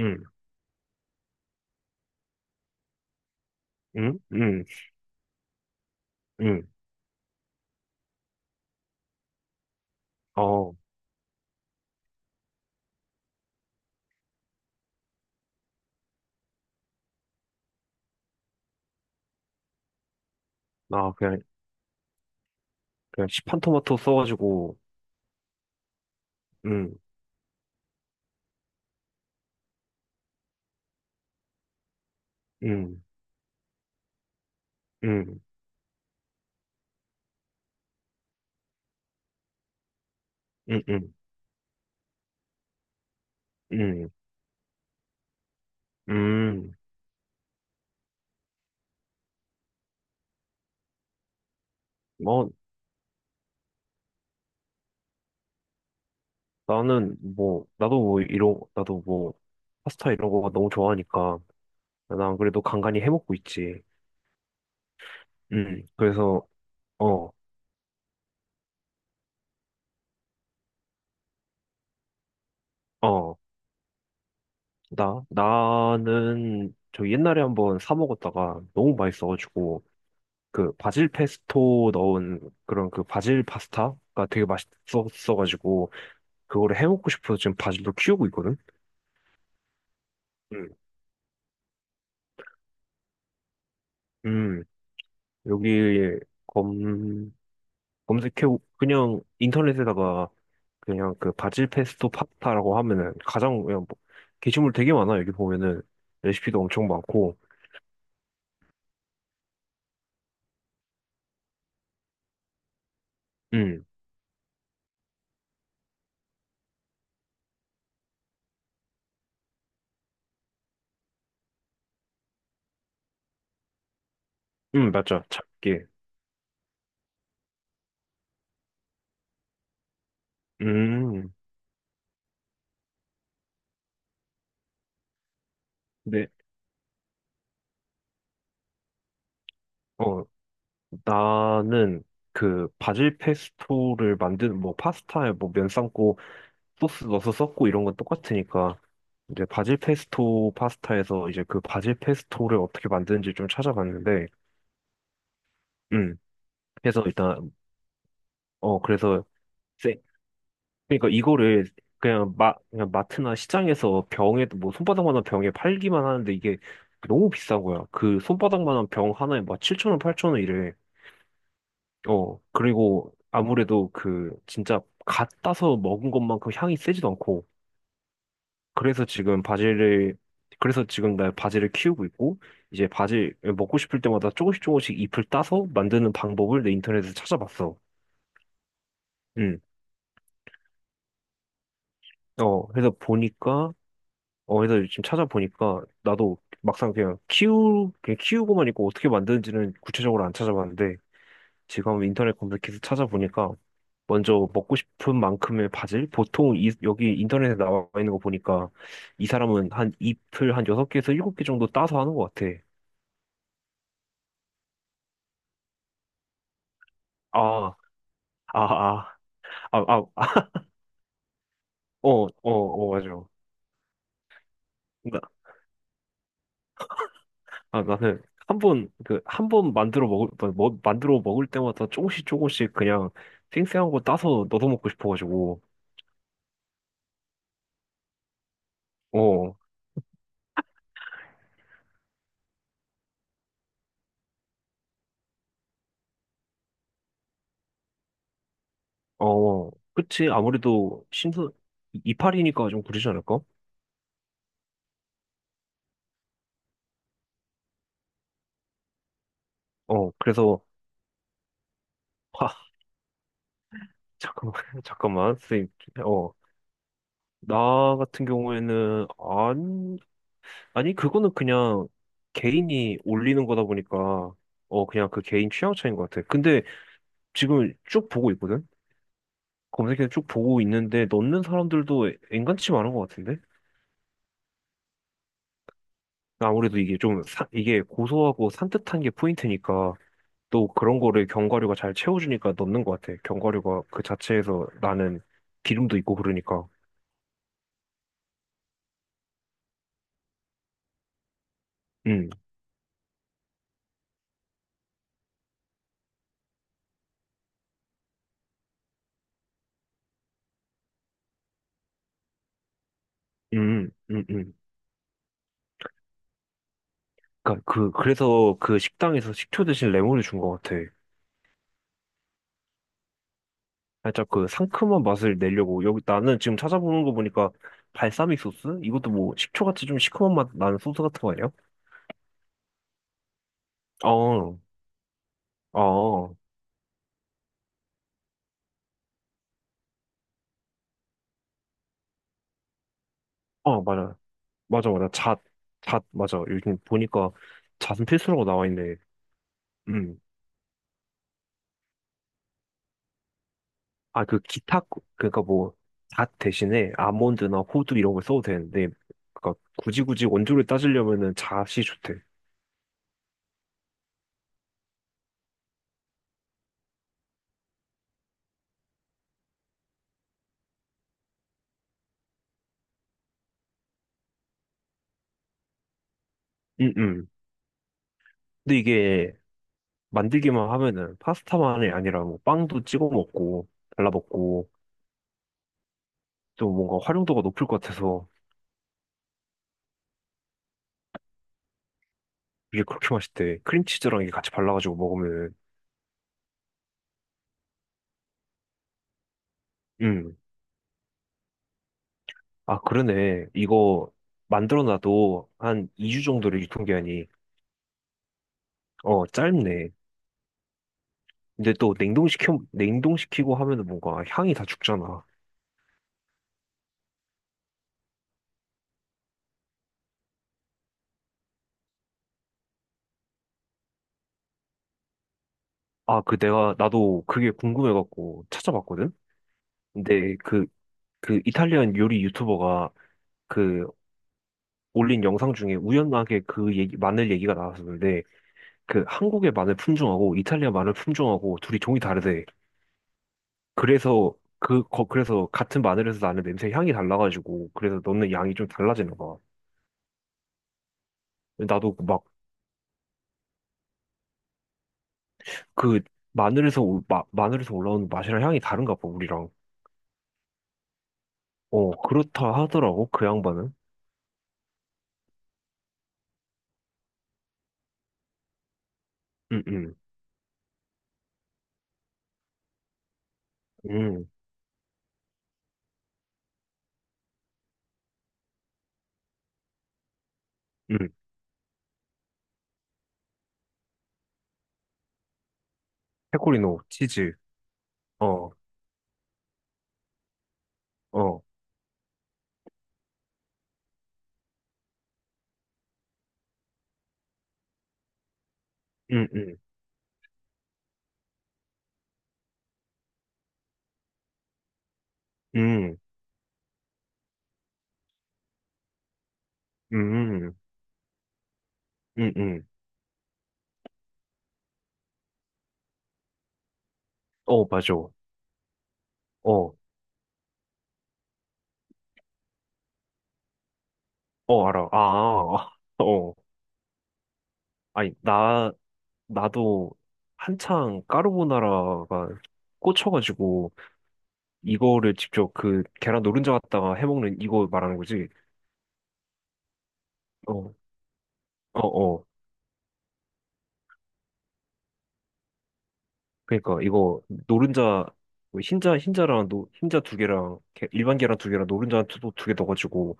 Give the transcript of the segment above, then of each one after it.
응, 응, 응, 응. 어, 나 그냥, 그냥 시판 토마토 써가지고, 응, 응, 응, 응, 응, 응, 응. 뭐, 나는 뭐, 나도 뭐, 이런, 나도 뭐, 파스타 이런 거가 너무 좋아하니까, 난 그래도 간간히 해먹고 있지. 응, 그래서, 어, 어, 나는 저 옛날에 한번 사 먹었다가 너무 맛있어가지고, 그 바질 페스토 넣은 그런 그 바질 파스타가 되게 맛있었어가지고, 그거를 해먹고 싶어서 지금 바질도 키우고 있거든? 음. 음, 여기 검, 검색해, 그냥 인터넷에다가 그냥 그 바질 페스토 파스타라고 하면은 가장 그냥 뭐, 게시물 되게 많아. 여기 보면은 레시피도 엄청 많고. 음, 맞아. 작게. 음, 네. 어, 나는 그 바질 페스토를 만드는 뭐 파스타에 뭐 면 삶고 소스 넣어서 썼고 이런 건 똑같으니까 이제 바질 페스토 파스타에서 이제 그 바질 페스토를 어떻게 만드는지 좀 찾아봤는데 음 그래서 일단 어 그래서 세 그러니까 이거를 그냥 마 그냥 마트나 시장에서 병에 뭐 손바닥만한 병에 팔기만 하는데 이게 너무 비싼 거야. 그 손바닥만한 병 하나에 막 7천 원 8천 원 이래. 어, 그리고 아무래도 그 진짜 갓 따서 먹은 것만큼 향이 세지도 않고 그래서 지금 바지를 그래서 지금 나 바지를 키우고 있고 이제 바지 먹고 싶을 때마다 조금씩 조금씩 잎을 따서 만드는 방법을 내 인터넷에서 찾아봤어. 응. 어, 그래서 보니까 어, 그래서 지금 찾아보니까 나도 막상 그냥 키우 그냥 키우고만 있고 어떻게 만드는지는 구체적으로 안 찾아봤는데 지금 인터넷 검색해서 찾아보니까 먼저 먹고 싶은 만큼의 바질 보통 이, 여기 인터넷에 나와 있는 거 보니까 이 사람은 한 잎을 한 6개에서 7개 정도 따서 하는 것 같아. 아, 아, 아, 아, 아, 아, 어, 어, 어, 맞아. 나, 아, 나는 한 번, 그, 한 번 만들어 먹을, 뭐, 뭐, 만들어 먹을 때마다 조금씩 조금씩 그냥 생생한 거 따서 넣어 먹고 싶어가지고, 어, 어, 어. 그치. 아무래도 신선, 이파리니까 좀 그러지 않을까? 어, 그래서, 하, 잠깐만, 잠깐만, 선생님. 어, 나 같은 경우에는, 안, 아니, 그거는 그냥 개인이 올리는 거다 보니까, 어, 그냥 그 개인 취향 차이인 것 같아. 근데, 지금 쭉 보고 있거든? 검색해서 쭉 보고 있는데 넣는 사람들도 엔간치 많은 것 같은데? 아무래도 이게 좀, 이게 고소하고 산뜻한 게 포인트니까 또 그런 거를 견과류가 잘 채워주니까 넣는 것 같아. 견과류가 그 자체에서 나는 기름도 있고 그러니까. 음, 음, 음, 음. 그니까 그, 그래서 그 식당에서 식초 대신 레몬을 준 것 같아. 살짝 그 상큼한 맛을 내려고. 여기 나는 지금 찾아보는 거 보니까 발사믹 소스? 이것도 뭐 식초같이 좀 시큼한 맛 나는 소스 같은 거 아니야? 어. 어, 어, 맞아. 맞아, 맞아. 잣, 잣, 맞아. 요즘 보니까 잣은 필수라고 나와 있네. 음. 아, 그 기타, 그러니까 뭐, 잣 대신에 아몬드나 호두 이런 걸 써도 되는데, 그러니까 굳이 굳이 원조를 따지려면은 잣이 좋대. 음, 음. 근데 이게 만들기만 하면은 파스타만이 아니라 뭐 빵도 찍어 먹고, 발라 먹고, 또 뭔가 활용도가 높을 것 같아서 이게 그렇게 맛있대. 크림치즈랑 이게 같이 발라가지고 먹으면은, 음. 아, 그러네. 이거 만들어 놔도 한 2주 정도를 유통기한이, 어, 짧네. 근데 또 냉동시켜, 냉동시키고 하면은 뭔가 향이 다 죽잖아. 아, 그 내가, 나도 그게 궁금해갖고 찾아봤거든? 근데 그, 그 이탈리안 요리 유튜버가 그 올린 영상 중에 우연하게 그 얘기, 마늘 얘기가 나왔었는데 그 한국의 마늘 품종하고 이탈리아 마늘 품종하고 둘이 종이 다르대. 그래서 그, 거, 그래서 같은 마늘에서 나는 냄새 향이 달라가지고, 그래서 넣는 양이 좀 달라지는 거야. 나도 막 그 마늘에서 올라오는 맛이랑 향이 다른가 봐 우리랑. 어, 그렇다 하더라고 그 양반은. 응응 응응 페코리노 치즈. 어 어. 응응 응응 응응. 어 맞아. 어 어 알아. 아 아, 아. 어. 아니 나 나도 한창 까르보나라가 꽂혀가지고 이거를 직접 그 계란 노른자 갖다가 해먹는 이거 말하는 거지. 어 어, 어. 그러니까 이거 노른자 뭐 흰자랑 노, 흰자 두 개랑 일반 계란 두 개랑 노른자 두개 넣어가지고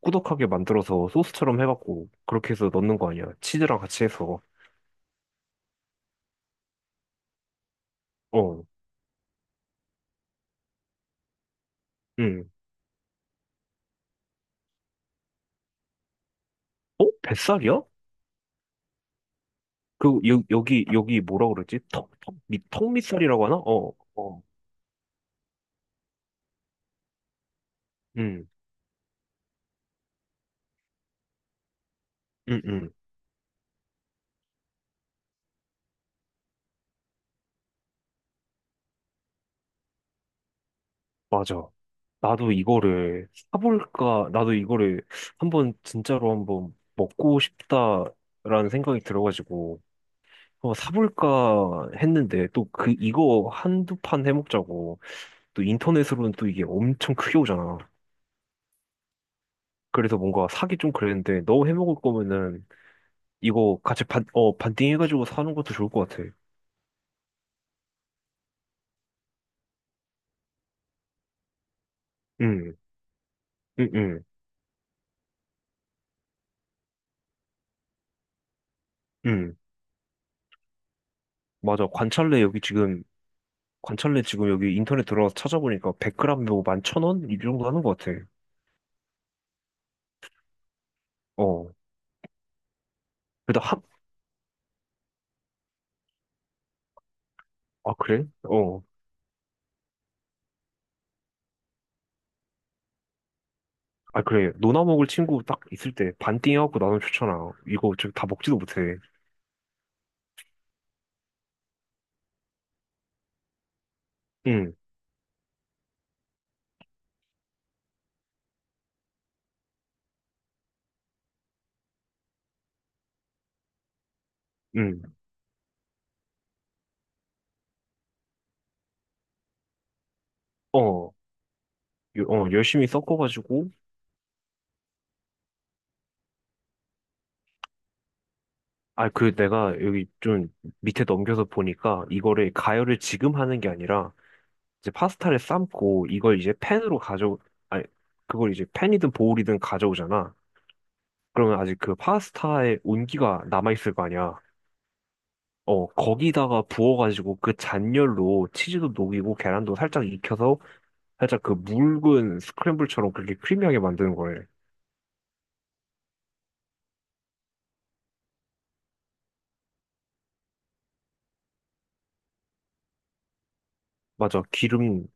꾸덕하게 만들어서 소스처럼 해갖고 그렇게 해서 넣는 거 아니야? 치즈랑 같이 해서 어, 응. 어? 뱃살이야? 그 여, 여기 여기 뭐라 그러지? 턱, 턱, 밑, 턱 밑살이라고 하나? 어, 어, 응, 응, 응, 맞아. 나도 이거를 사볼까? 나도 이거를 한번 진짜로 한번 먹고 싶다라는 생각이 들어가지고. 어, 사볼까 했는데 또 그 이거 한두 판 해먹자고 또 인터넷으로는 또 이게 엄청 크게 오잖아. 그래서 뭔가 사기 좀 그랬는데 너 해먹을 거면은 이거 같이 반, 어, 반띵 해가지고 사는 것도 좋을 것 같아. 응, 응, 응, 응. 맞아. 관찰래 여기 지금 관찰래 지금 여기 인터넷 들어가서 찾아보니까 100g 뭐 11,000원? 이 정도 하는 것 같아. 어. 그래도 한, 아, 그래? 어. 아, 그래. 노나 먹을 친구 딱 있을 때 반띵 해갖고 나눠 좋잖아. 이거 지금 다 먹지도 못해. 응. 응. 어, 요- 어, 열심히 섞어가지고, 아, 그 내가 여기 좀 밑에 넘겨서 보니까 이거를 가열을 지금 하는 게 아니라 이제 파스타를 삶고 이걸 이제 팬으로 가져, 아니, 그걸 이제 팬이든 보울이든 가져오잖아. 그러면 아직 그 파스타의 온기가 남아있을 거 아니야. 어, 거기다가 부어가지고 그 잔열로 치즈도 녹이고 계란도 살짝 익혀서 살짝 그 묽은 스크램블처럼 그렇게 크리미하게 만드는 거래. 맞아, 기름,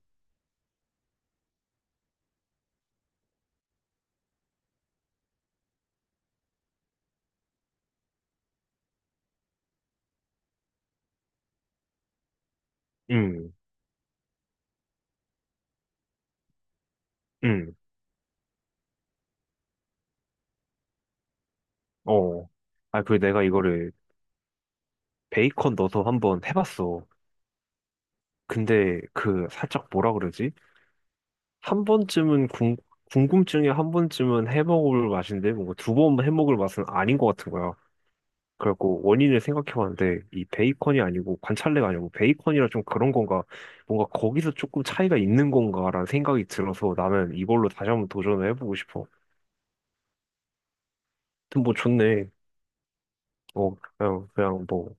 음, 음. 어. 아, 그리고 내가 이거를 베이컨 넣어서 한번 해봤어. 근데 그 살짝 뭐라 그러지? 한 번쯤은 궁금증에 한 번쯤은 해먹을 맛인데 뭔가 두 번 해먹을 맛은 아닌 것 같은 거야. 그래갖고 원인을 생각해봤는데 이 베이컨이 아니고 관찰레가 아니고 베이컨이라 좀 그런 건가 뭔가 거기서 조금 차이가 있는 건가라는 생각이 들어서 나는 이걸로 다시 한번 도전을 해보고 싶어. 아무튼 뭐 좋네. 어, 그냥, 그냥 뭐